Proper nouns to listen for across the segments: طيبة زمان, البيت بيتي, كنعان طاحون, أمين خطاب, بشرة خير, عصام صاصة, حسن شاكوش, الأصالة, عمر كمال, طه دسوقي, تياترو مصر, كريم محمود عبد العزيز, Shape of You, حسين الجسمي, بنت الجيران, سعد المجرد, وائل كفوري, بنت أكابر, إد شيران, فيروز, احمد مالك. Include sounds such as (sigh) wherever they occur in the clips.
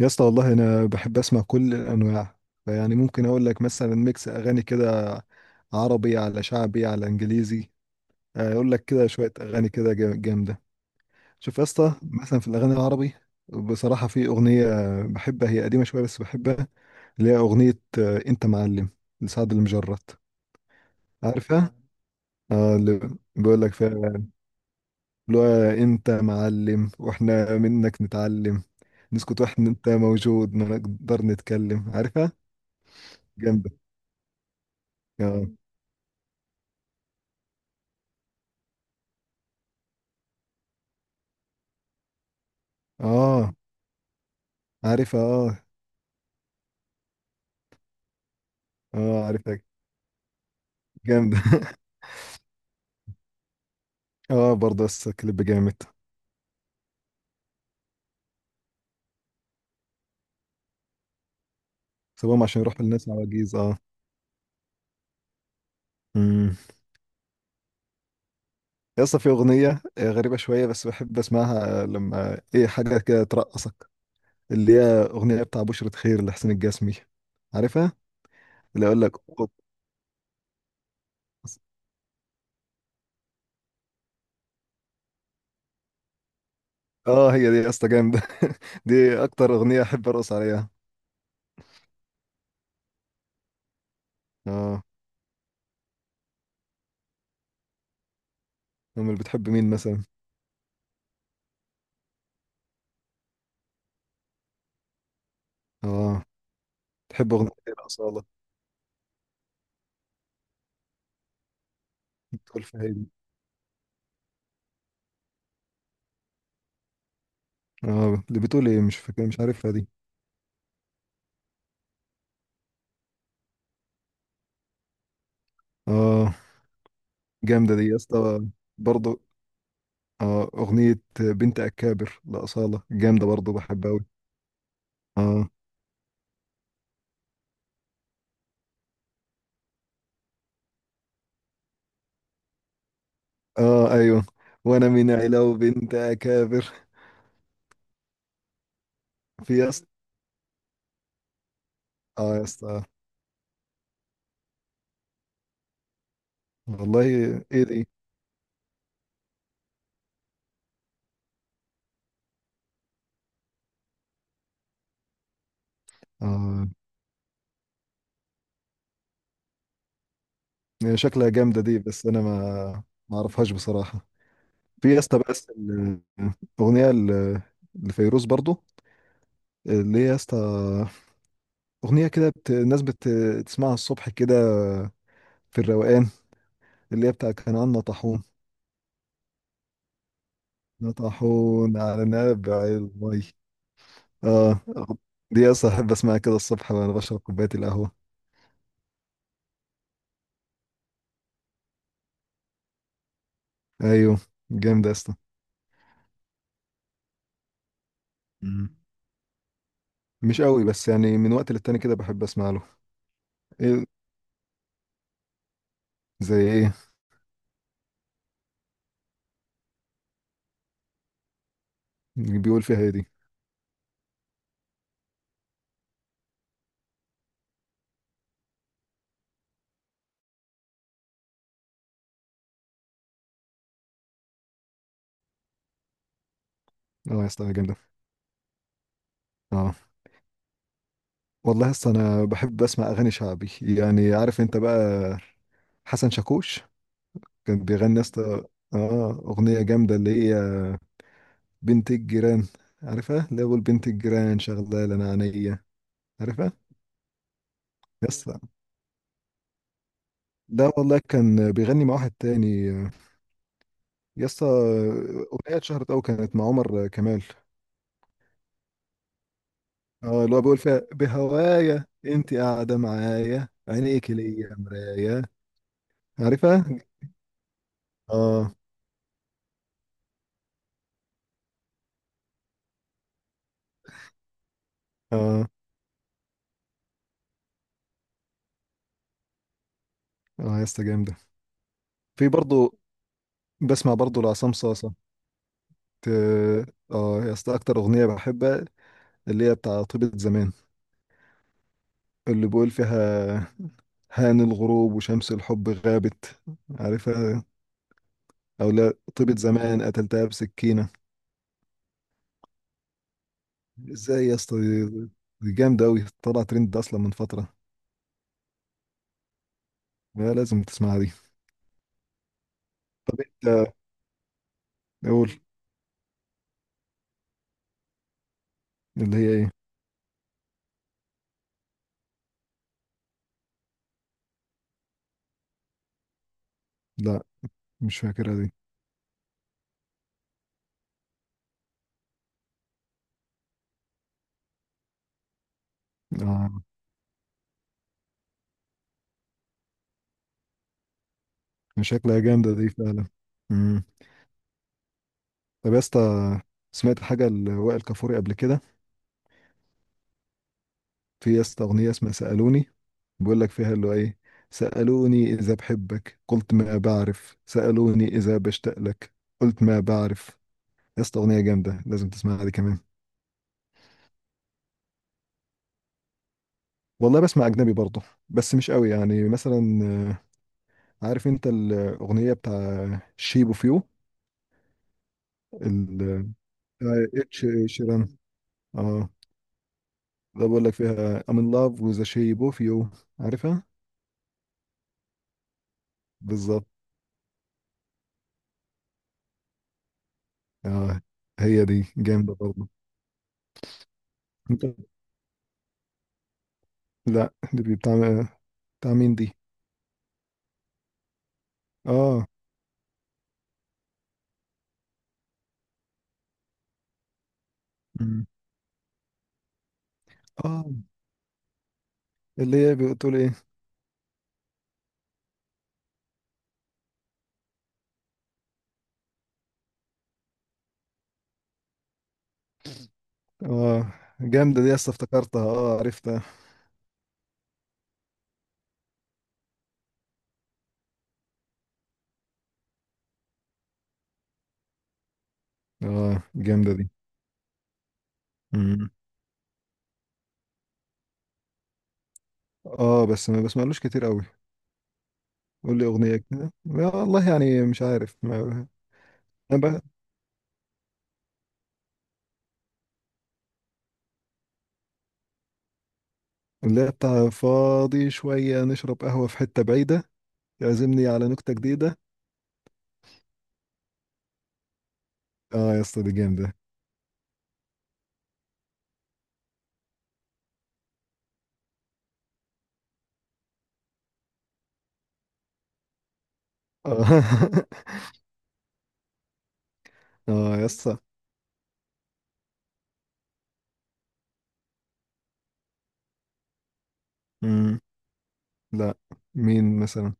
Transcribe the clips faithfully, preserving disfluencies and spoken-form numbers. يا اسطى، والله انا بحب اسمع كل الانواع. فيعني ممكن اقول لك مثلا ميكس اغاني كده، عربي على شعبي على انجليزي. اقول لك كده شويه اغاني كده جا- جامده. شوف يا اسطى، مثلا في الاغاني العربي بصراحه في اغنيه بحبها، هي قديمه شويه بس بحبها، اللي هي اغنيه آه، انت معلم لسعد المجرد. عارفها اه. اللي بيقول لك فيها اللي هو انت معلم واحنا منك نتعلم، نسكت واحنا انت موجود ما نقدر نتكلم. عارفها؟ جامده. آه. اه عارفها اه. اه عارفها. جامدة. (laughs) اه، برضه لسه الكليب جامد. سيبهم عشان يروحوا للناس عواجيز، اه. امم لسه في اغنية آه، غريبة شوية بس بحب اسمعها، آه، لما ايه حاجة كده ترقصك، اللي هي اغنية بتاع بشرة خير لحسين الجسمي. عارفها؟ اللي اقول لك. أوب. اه، هي دي يا اسطى جامدة. (laughs) دي اكتر اغنية احب ارقص عليها. اه. امال بتحب مين مثلا؟ اه. تحب اغنية ايه الأصالة؟ بتقول فهيدي. اه اللي بتقول ايه؟ مش فاكر، مش عارفها دي. اه، جامدة دي يا اسطى برضه. اه، أغنية بنت أكابر لأصالة جامدة برضه، بحبها أوي. اه، اه، أيوه. وأنا من علاو بنت أكابر. في يا اسطى. اه يا اسطى. والله، إيه دي؟ اه. هي شكلها جامدة دي، بس أنا ما ما أعرفهاش بصراحة. في يا اسطى بس ال- الأغنية ال- لفيروز برضه، اللي هي يا اسطى أغنية كده بت... الناس بتسمعها الصبح كده، في الروقان، اللي هي بتاع كنعان طاحون، نطحون على نابع المي. اه. دي اصلا احب اسمعها كده الصبح وانا بشرب كوبايه القهوه. ايوه، جامد يا اسطى. مم. مش قوي، بس يعني من وقت للتاني كده بحب اسمع له. ايه؟ زي ايه؟ بيقول فيها ايه دي؟ اه يا اسطى جامده. اه. والله يا اسطى، انا بحب اسمع اغاني شعبي، يعني عارف انت بقى حسن شاكوش، كان بيغني يا اسطى اه اغنيه جامده اللي هي بنت الجيران. عارفها؟ اللي هو بنت الجيران شغاله انا عينيا. عارفها. يس، ده والله كان بيغني مع واحد تاني يا اسطى، أغنية اتشهرت أوي كانت مع عمر كمال. اه، اللي هو بيقول فيها: بهوايا انت قاعدة معايا، عينيك ليا مرايا. عارفها؟ اه. اه. اه يا اسطى جامدة. في برضه، بسمع برضه لعصام صاصة. ت- اه يا اسطى، أكتر أغنية بحبها اللي هي بتاع طيبة زمان، اللي بيقول فيها: هان الغروب وشمس الحب غابت. عارفها؟ أو: لا طيبة زمان قتلتها بسكينة. ازاي يا اسطى دي؟ دي جامدة أوي، طلع ترند ده أصلا من فترة. لا، لازم تسمعها دي. طب أنت قول. اللي هي إيه؟ لا مش فاكرها دي. آه. يعني شكلها جامدة دي فعلا. مم. طب يا اسطى، سمعت حاجة لوائل كفوري قبل كده؟ في يا اسطى أغنية اسمها سألوني، بيقول لك فيها اللي هو إيه: سألوني إذا بحبك قلت ما بعرف، سألوني إذا بشتاق لك قلت ما بعرف. يا اسطى أغنية جامدة، لازم تسمعها دي كمان. والله بسمع أجنبي برضه، بس مش قوي، يعني مثلا عارف انت الاغنيه بتاع شيب اوف يو، ال بتاع اتش شيران. اه. ده بقول لك فيها I'm in love with the shape of you. عارفها؟ بالظبط. اه، هي دي جامده برضه. انت. لا، دي بتاع. بتاع مين دي؟ اه. مم. اه، اللي هي بتقول ايه؟ اه، جامده دي، لسه افتكرتها، اه عرفتها. اه، جامده دي. مم. اه، بس ما بسمعلوش كتير قوي. قول لي اغنيه كده، والله يعني مش عارف ما. لا. بتاع فاضي شوية نشرب قهوة في حتة بعيدة، يعزمني على نكتة جديدة. اه يا اسطى دي جامدة. اه. (laughs) اه يا اسطى. مم. لا. مين مثلا؟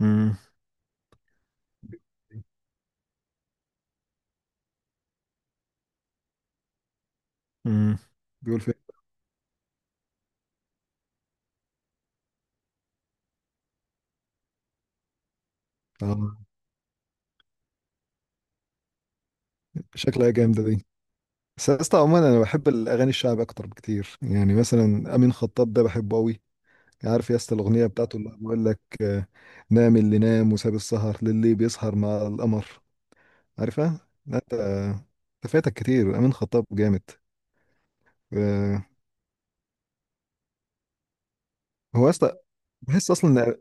مم. مم. بيقول فين؟ اه. شكلها جامدة دي، بس يا اسطى عموما انا بحب الاغاني الشعب اكتر بكتير، يعني مثلا امين خطاب ده بحبه قوي. عارف يا اسطى الاغنية بتاعته اللي بيقول لك آه، نام اللي نام وساب السهر للي بيسهر مع القمر؟ عارفها؟ لا، انت انت فاتك كتير، امين خطاب جامد. آه، هو اصلا بحس اصلا إن-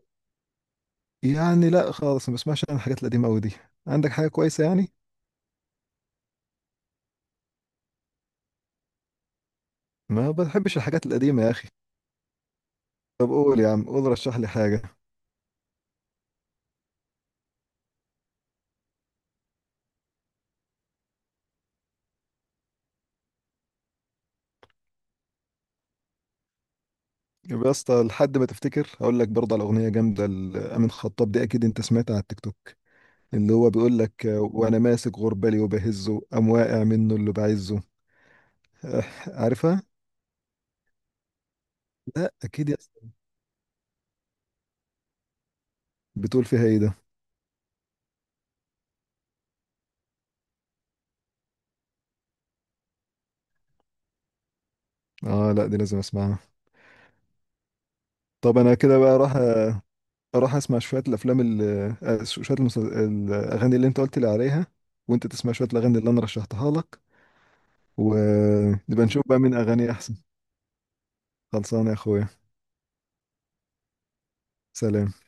يعني لا خالص، ما بسمعش انا الحاجات القديمه قوي دي. عندك حاجه كويسه يعني؟ ما بحبش الحاجات القديمه يا اخي. طب قول يا عم، قول رشح لي حاجه. يبقى يا اسطى، لحد ما تفتكر هقول لك برضه على اغنيه جامده لامين خطاب، دي اكيد انت سمعتها على التيك توك، اللي هو بيقول لك آه، وانا ماسك غربالي وبهزه قام واقع منه اللي بعزه. آه، عارفها؟ لا اكيد يا اسطى، بتقول فيها ايه ده؟ اه، لا دي لازم اسمعها. طب انا كده بقى راح راح اسمع شويه الافلام ال- آه، شويه المس- الاغاني اللي انت قلت لي عليها، وانت تسمع شويه الاغاني اللي انا رشحتها لك، ونبقى نشوف بقى مين اغاني احسن. خلصان يا اخويا. سلام.